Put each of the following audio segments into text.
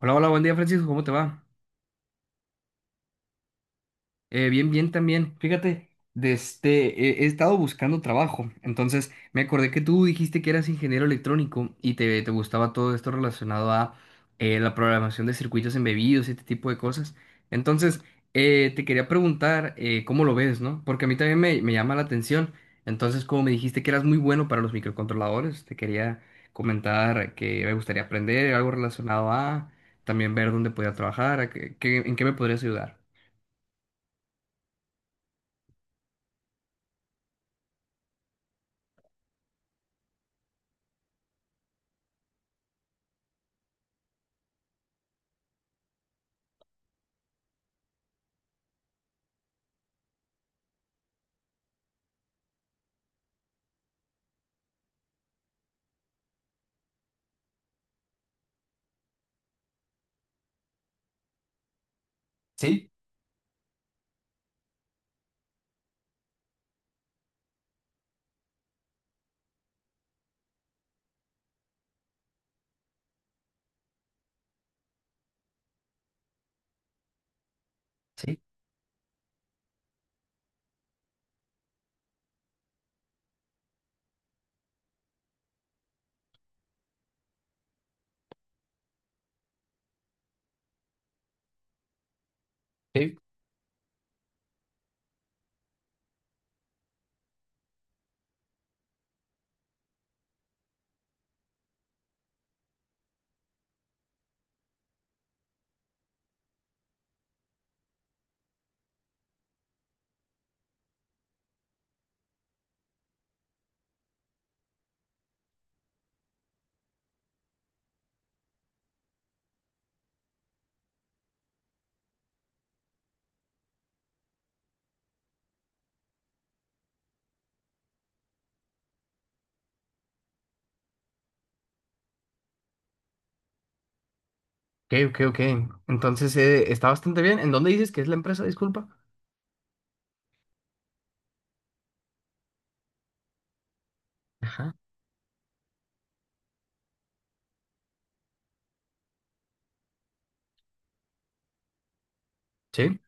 Hola, hola, buen día Francisco, ¿cómo te va? Bien, bien también. Fíjate, he estado buscando trabajo. Entonces, me acordé que tú dijiste que eras ingeniero electrónico y te gustaba todo esto relacionado a la programación de circuitos embebidos y este tipo de cosas. Entonces, te quería preguntar cómo lo ves, ¿no? Porque a mí también me llama la atención. Entonces, como me dijiste que eras muy bueno para los microcontroladores, te quería comentar que me gustaría aprender algo relacionado a también ver dónde podía trabajar, en qué me podrías ayudar. Sí, sí. Sí, ok, ok, ok. Entonces, está bastante bien. ¿En dónde dices que es la empresa? Disculpa. Ajá. Sí,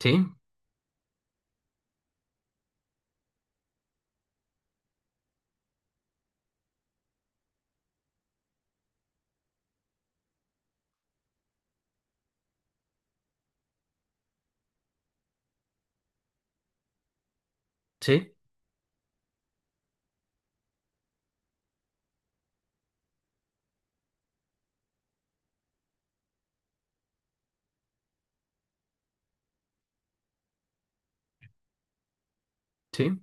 sí, sí, sí.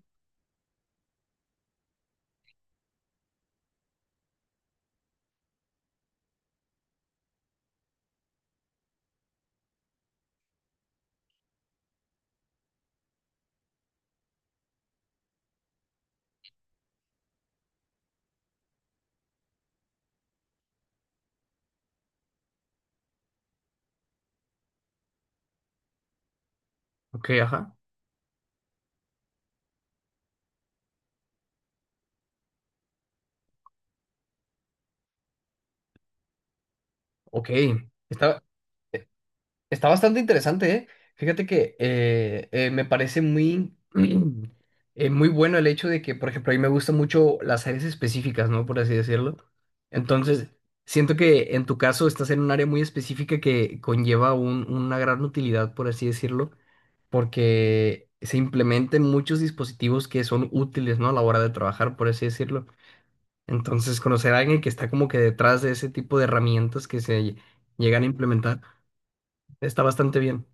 Ok, ajá. Ok. Está, eh, Está bastante interesante, ¿eh? Fíjate que me parece muy, muy bueno el hecho de que, por ejemplo, a mí me gustan mucho las áreas específicas, ¿no? Por así decirlo. Entonces, siento que en tu caso estás en un área muy específica que conlleva una gran utilidad, por así decirlo. Porque se implementen muchos dispositivos que son útiles, ¿no? A la hora de trabajar, por así decirlo. Entonces, conocer a alguien que está como que detrás de ese tipo de herramientas llegan a implementar está bastante bien.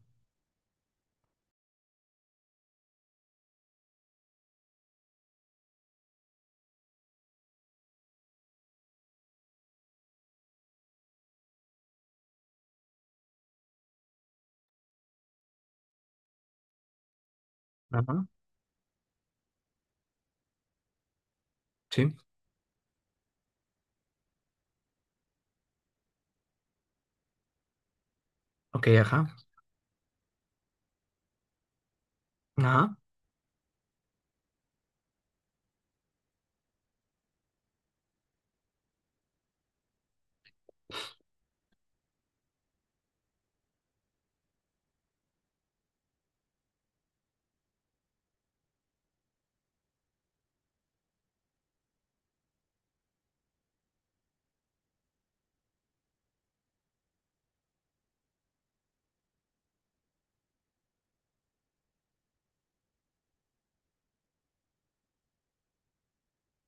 Ajá, sí, ok, ajá, ajá,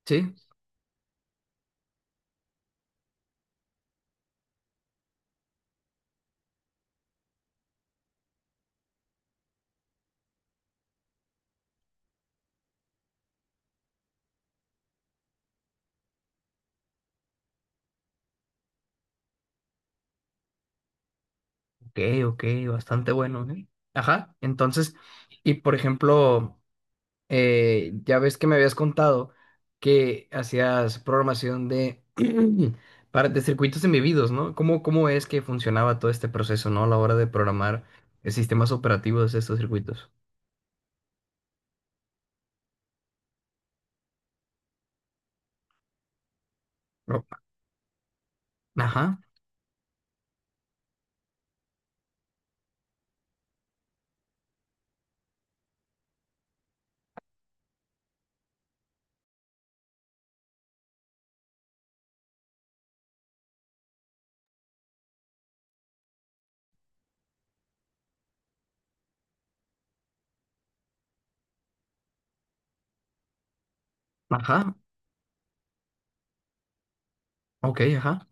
sí, ok, ok, bastante bueno, ¿eh? Ajá, entonces, y por ejemplo... ya ves que me habías contado que hacías programación de, para, de circuitos embebidos, ¿no? ¿Cómo es que funcionaba todo este proceso, ¿no? A la hora de programar sistemas operativos de estos circuitos. Oh, ajá, ajá, ok, ajá,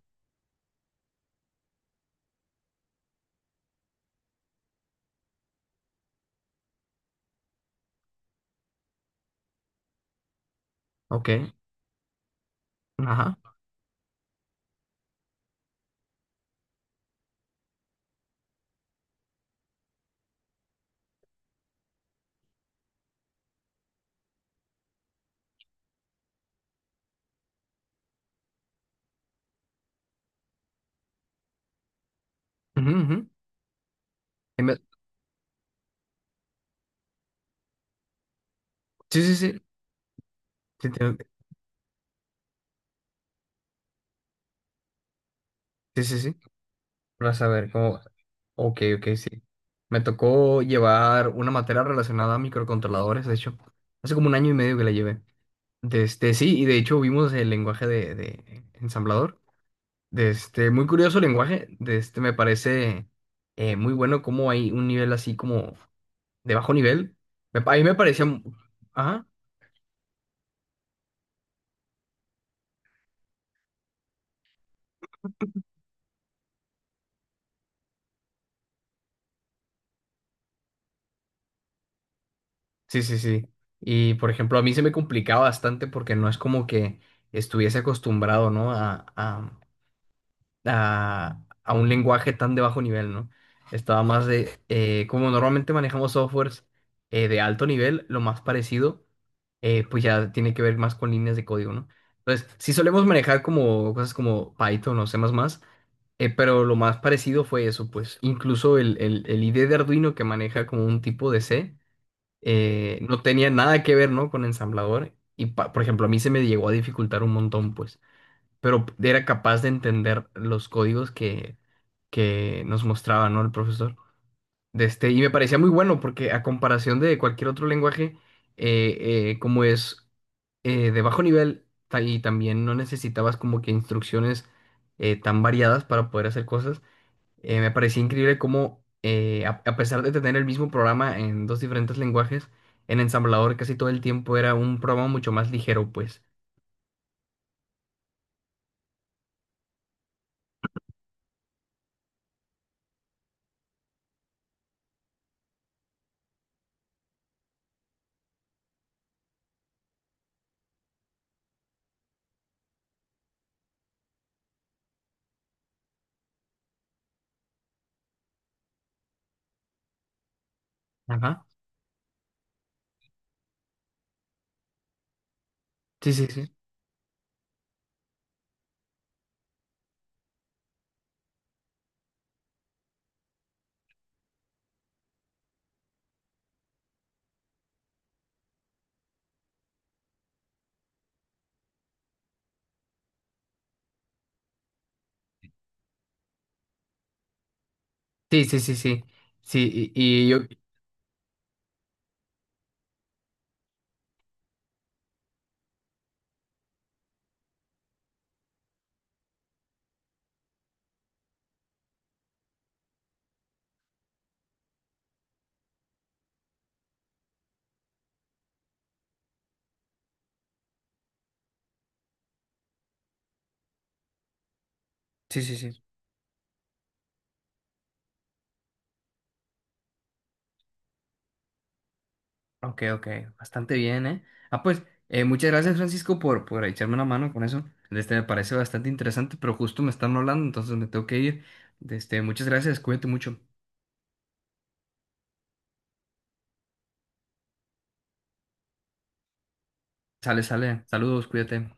ok, ajá. Ujú, ujú. En vez- Sí, sí, sí, sí, sí, sí, sí. Vas a ver cómo. Ok, ok, sí. Me tocó llevar una materia relacionada a microcontroladores, de hecho. Hace como un año y medio que la llevé. De este, sí, y de hecho vimos el lenguaje de ensamblador. De este, muy curioso el lenguaje. De este, me parece muy bueno como hay un nivel así como de bajo nivel. A mí me parecía... Ajá, sí, sí, sí. Y por ejemplo, a mí se me complicaba bastante porque no es como que estuviese acostumbrado, ¿no? A un lenguaje tan de bajo nivel, ¿no? Estaba más de, como normalmente manejamos softwares de alto nivel, lo más parecido, pues ya tiene que ver más con líneas de código, ¿no? Entonces, sí solemos manejar como cosas como Python o C++, pero lo más parecido fue eso, pues incluso el IDE de Arduino que maneja como un tipo de C, no tenía nada que ver, ¿no? Con ensamblador. Y, por ejemplo, a mí se me llegó a dificultar un montón, pues pero era capaz de entender los códigos que nos mostraba, ¿no? El profesor. De este, y me parecía muy bueno porque a comparación de cualquier otro lenguaje, como es de bajo nivel y también no necesitabas como que instrucciones tan variadas para poder hacer cosas, me parecía increíble cómo a pesar de tener el mismo programa en dos diferentes lenguajes, en ensamblador casi todo el tiempo era un programa mucho más ligero, pues. Ajá. Sí, sí, sí. Sí, sí, sí, sí. Sí, y yo. Sí, sí, sí. Ok, ok. Bastante bien, ¿eh? Ah, pues, muchas gracias, Francisco, por echarme una mano con eso. Este, me parece bastante interesante, pero justo me están hablando, entonces me tengo que ir. Este, muchas gracias, cuídate mucho. Sale, sale. Saludos, cuídate.